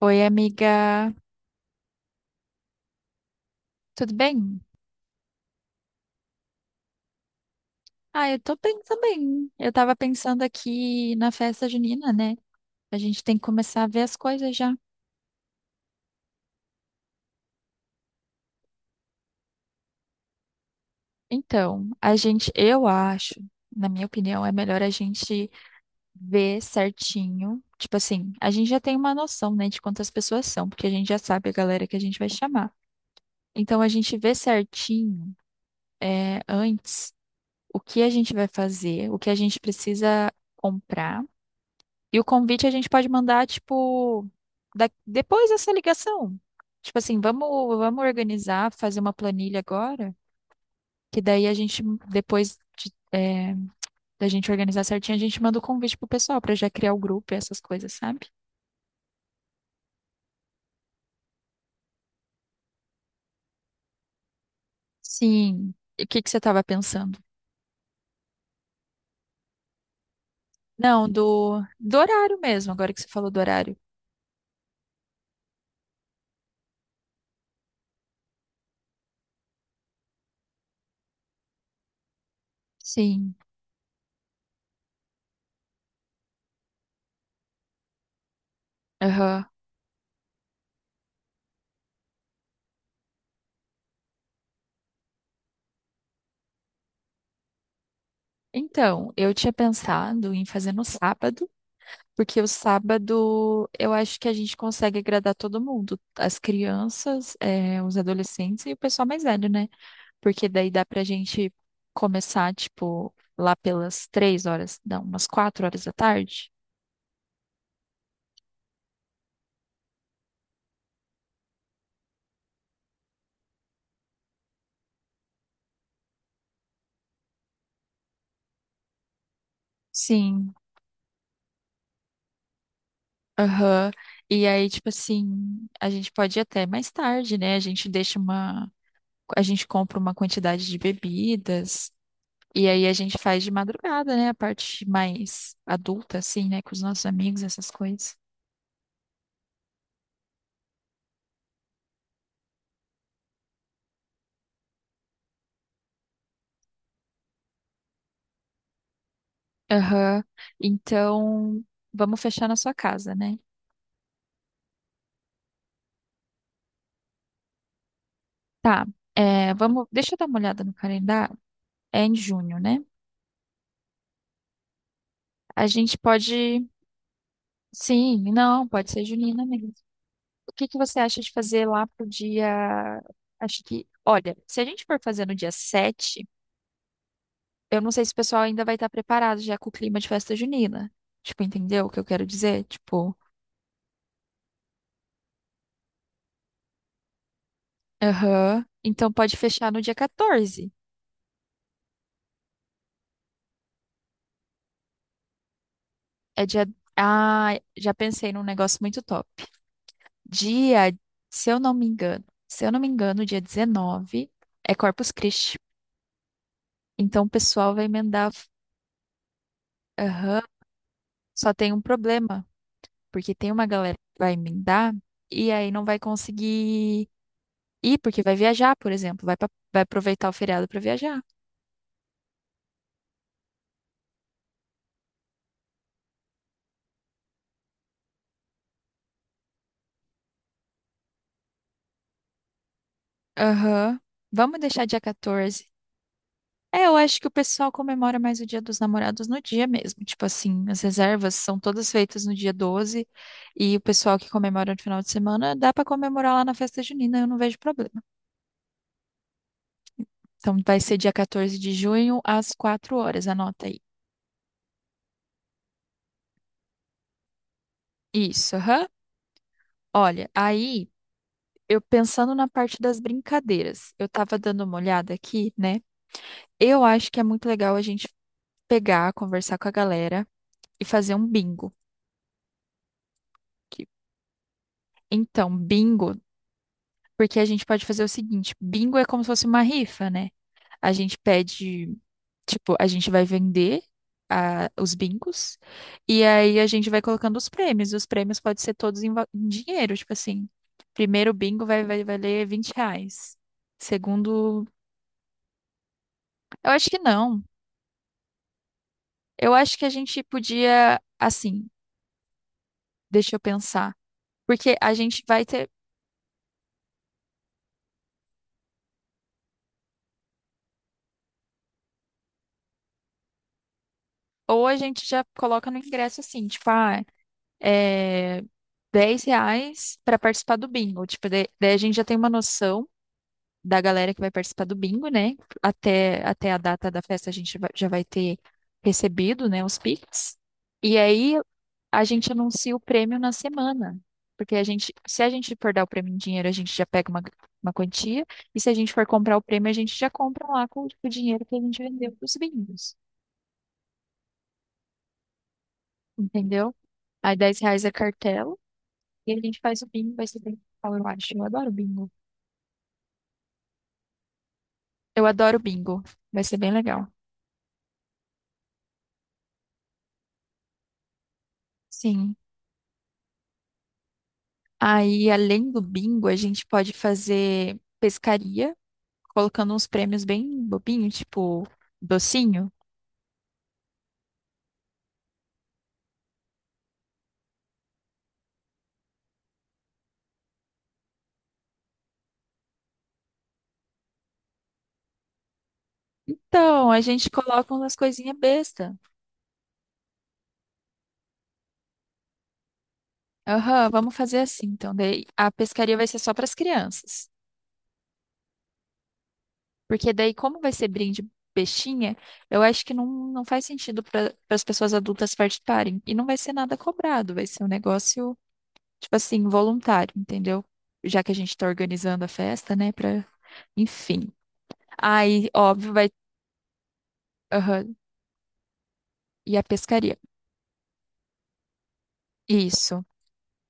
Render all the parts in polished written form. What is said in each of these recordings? Oi, amiga. Tudo bem? Ah, eu tô bem também. Eu tava pensando aqui na festa junina, né? A gente tem que começar a ver as coisas já. Então, a gente, eu acho, na minha opinião, é melhor a gente ver certinho. Tipo assim, a gente já tem uma noção, né, de quantas pessoas são, porque a gente já sabe a galera que a gente vai chamar. Então, a gente vê certinho, antes o que a gente vai fazer, o que a gente precisa comprar. E o convite a gente pode mandar, tipo, depois dessa ligação. Tipo assim, vamos organizar, fazer uma planilha agora, que daí a gente, depois da gente organizar certinho, a gente manda o convite pro pessoal pra já criar o grupo e essas coisas, sabe? Sim. E o que que você tava pensando? Não, do horário mesmo, agora que você falou do horário. Sim. Aham. Então, eu tinha pensado em fazer no sábado. Porque o sábado eu acho que a gente consegue agradar todo mundo, as crianças, os adolescentes e o pessoal mais velho, né? Porque daí dá pra gente começar, tipo, lá pelas 3 horas, não, umas 4 horas da tarde. Sim, aham. E aí, tipo assim, a gente pode ir até mais tarde, né? A gente deixa uma. A gente compra uma quantidade de bebidas. E aí a gente faz de madrugada, né? A parte mais adulta, assim, né? Com os nossos amigos, essas coisas. Aham. Então, vamos fechar na sua casa, né? Tá. É, vamos, deixa eu dar uma olhada no calendário. É em junho, né? A gente pode. Sim, não, pode ser junina mesmo. O que que você acha de fazer lá pro dia. Acho que. Olha, se a gente for fazer no dia 7, eu não sei se o pessoal ainda vai estar preparado já com o clima de festa junina. Tipo, entendeu o que eu quero dizer? Tipo. Aham. Então pode fechar no dia 14. É dia. Ah, já pensei num negócio muito top. Dia, se eu não me engano, se eu não me engano, dia 19 é Corpus Christi. Então o pessoal vai emendar. Aham. Só tem um problema, porque tem uma galera que vai emendar e aí não vai conseguir ir, porque vai viajar, por exemplo, vai aproveitar o feriado para viajar. Aham. Vamos deixar dia 14. É, eu acho que o pessoal comemora mais o Dia dos Namorados no dia mesmo. Tipo assim, as reservas são todas feitas no dia 12 e o pessoal que comemora no final de semana dá pra comemorar lá na festa junina, eu não vejo problema. Então vai ser dia 14 de junho às 4 horas, anota aí. Isso, aham. Olha, aí eu pensando na parte das brincadeiras, eu tava dando uma olhada aqui, né? Eu acho que é muito legal a gente pegar, conversar com a galera e fazer um bingo. Que- Então, bingo. Porque a gente pode fazer o seguinte: bingo é como se fosse uma rifa, né? A gente pede, tipo, a gente vai vender os bingos e aí a gente vai colocando os prêmios. E os prêmios podem ser todos em, em dinheiro, tipo assim. Primeiro bingo vai valer R$ 20. Segundo. Eu acho que não. Eu acho que a gente podia, assim, deixa eu pensar. Porque a gente vai ter. Ou a gente já coloca no ingresso assim, tipo, é, R$ 10 para participar do bingo. Tipo, daí a gente já tem uma noção da galera que vai participar do bingo, né? Até a data da festa a gente já vai ter recebido, né, os Pix. E aí a gente anuncia o prêmio na semana. Porque a gente, se a gente for dar o prêmio em dinheiro, a gente já pega uma quantia. E se a gente for comprar o prêmio, a gente já compra lá com, o dinheiro que a gente vendeu para os bingos. Entendeu? Aí R$ 10 é cartela. E a gente faz o bingo, vai ser bem legal, eu acho. Eu adoro bingo. Eu adoro bingo. Vai ser bem legal. Sim. Aí, além do bingo, a gente pode fazer pescaria, colocando uns prêmios bem bobinhos, tipo docinho. Então, a gente coloca umas coisinhas besta. Aham, vamos fazer assim. Então, daí a pescaria vai ser só para as crianças. Porque daí, como vai ser brinde bestinha, eu acho que não, não faz sentido para as pessoas adultas participarem. E não vai ser nada cobrado, vai ser um negócio tipo assim, voluntário, entendeu? Já que a gente tá organizando a festa, né, pra... Enfim. Aí, óbvio, vai... Aham. E a pescaria. Isso.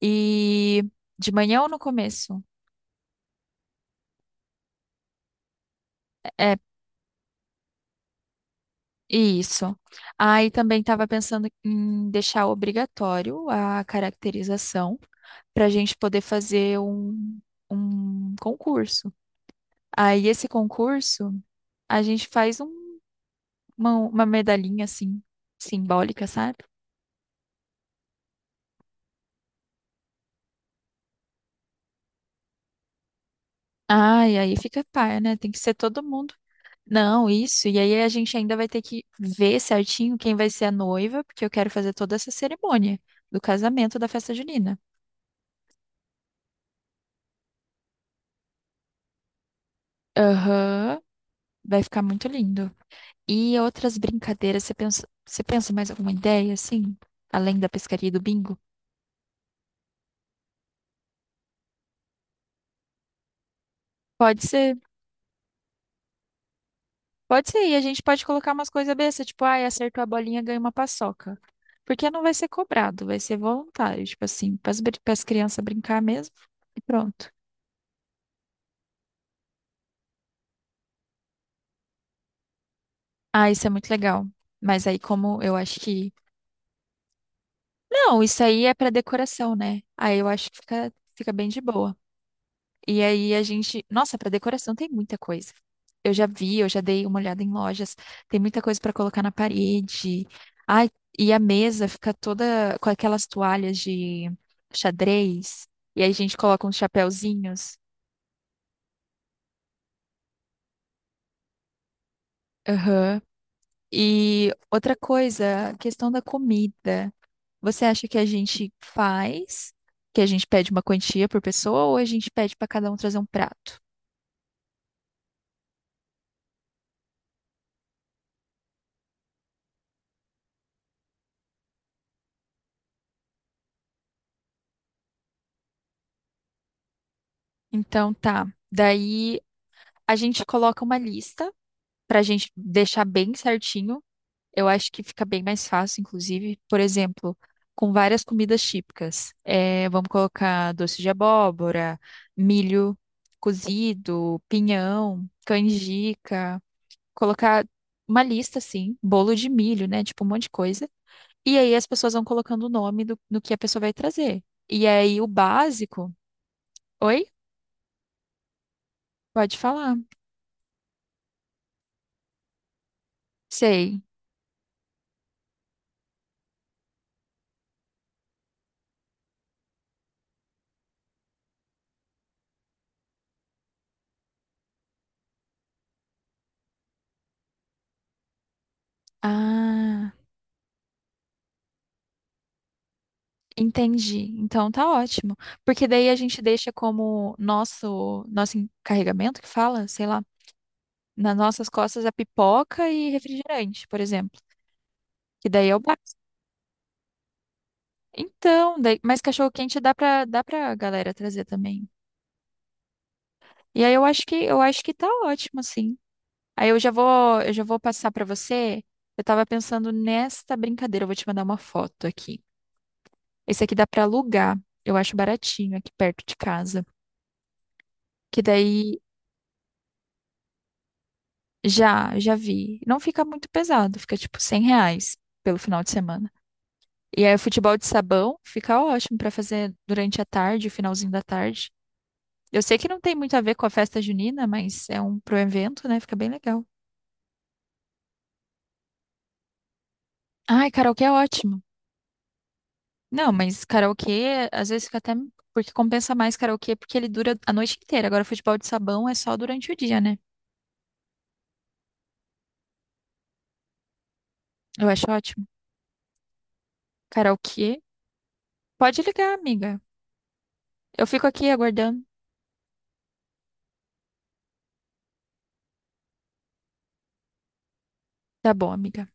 E de manhã ou no começo? É, isso. Aí também tava pensando em deixar obrigatório a caracterização pra gente poder fazer um concurso. Aí, esse concurso, a gente faz uma medalhinha, assim, simbólica, sabe? Ah, e aí fica par, né? Tem que ser todo mundo. Não, isso. E aí a gente ainda vai ter que ver certinho quem vai ser a noiva, porque eu quero fazer toda essa cerimônia do casamento da festa junina. Aham, vai ficar muito lindo. E outras brincadeiras, você pensa mais alguma ideia, assim? Além da pescaria e do bingo? Pode ser, pode ser. E a gente pode colocar umas coisas bestas, tipo, ai, acertou a bolinha, ganha uma paçoca. Porque não vai ser cobrado, vai ser voluntário, tipo assim, para as crianças brincar mesmo e pronto. Ah, isso é muito legal. Mas aí como eu acho que. Não, isso aí é pra decoração, né? Aí eu acho que fica bem de boa. E aí a gente. Nossa, pra decoração tem muita coisa. Eu já vi, eu já dei uma olhada em lojas. Tem muita coisa pra colocar na parede. Ai, e a mesa fica toda com aquelas toalhas de xadrez. E aí a gente coloca uns chapéuzinhos. Aham. E outra coisa, a questão da comida. Você acha que a gente faz, que a gente pede uma quantia por pessoa ou a gente pede para cada um trazer um prato? Então tá. Daí a gente coloca uma lista para a gente deixar bem certinho. Eu acho que fica bem mais fácil, inclusive, por exemplo, com várias comidas típicas. É, vamos colocar doce de abóbora, milho cozido, pinhão, canjica, colocar uma lista assim, bolo de milho, né? Tipo um monte de coisa. E aí as pessoas vão colocando o nome do que a pessoa vai trazer. E aí o básico. Oi? Pode falar. Sei. Ah, entendi. Então tá ótimo. Porque daí a gente deixa como nosso encarregamento que fala, sei lá, nas nossas costas a pipoca e refrigerante, por exemplo. Que daí é o básico. Então, daí, mas cachorro quente dá pra galera trazer também. E aí eu acho que tá ótimo, assim. Aí eu já vou passar para você. Eu tava pensando nesta brincadeira, eu vou te mandar uma foto aqui. Esse aqui dá para alugar. Eu acho baratinho aqui perto de casa. Que daí já vi. Não fica muito pesado, fica tipo R$ 100 pelo final de semana. E aí o futebol de sabão fica ótimo para fazer durante a tarde, o finalzinho da tarde. Eu sei que não tem muito a ver com a festa junina, mas é um pro evento, né? Fica bem legal. Ai, karaokê é ótimo. Não, mas karaokê, às vezes fica até. Porque compensa mais karaokê porque ele dura a noite inteira. Agora, futebol de sabão é só durante o dia, né? Eu acho ótimo. Karaokê. Pode ligar, amiga. Eu fico aqui aguardando. Tá bom, amiga.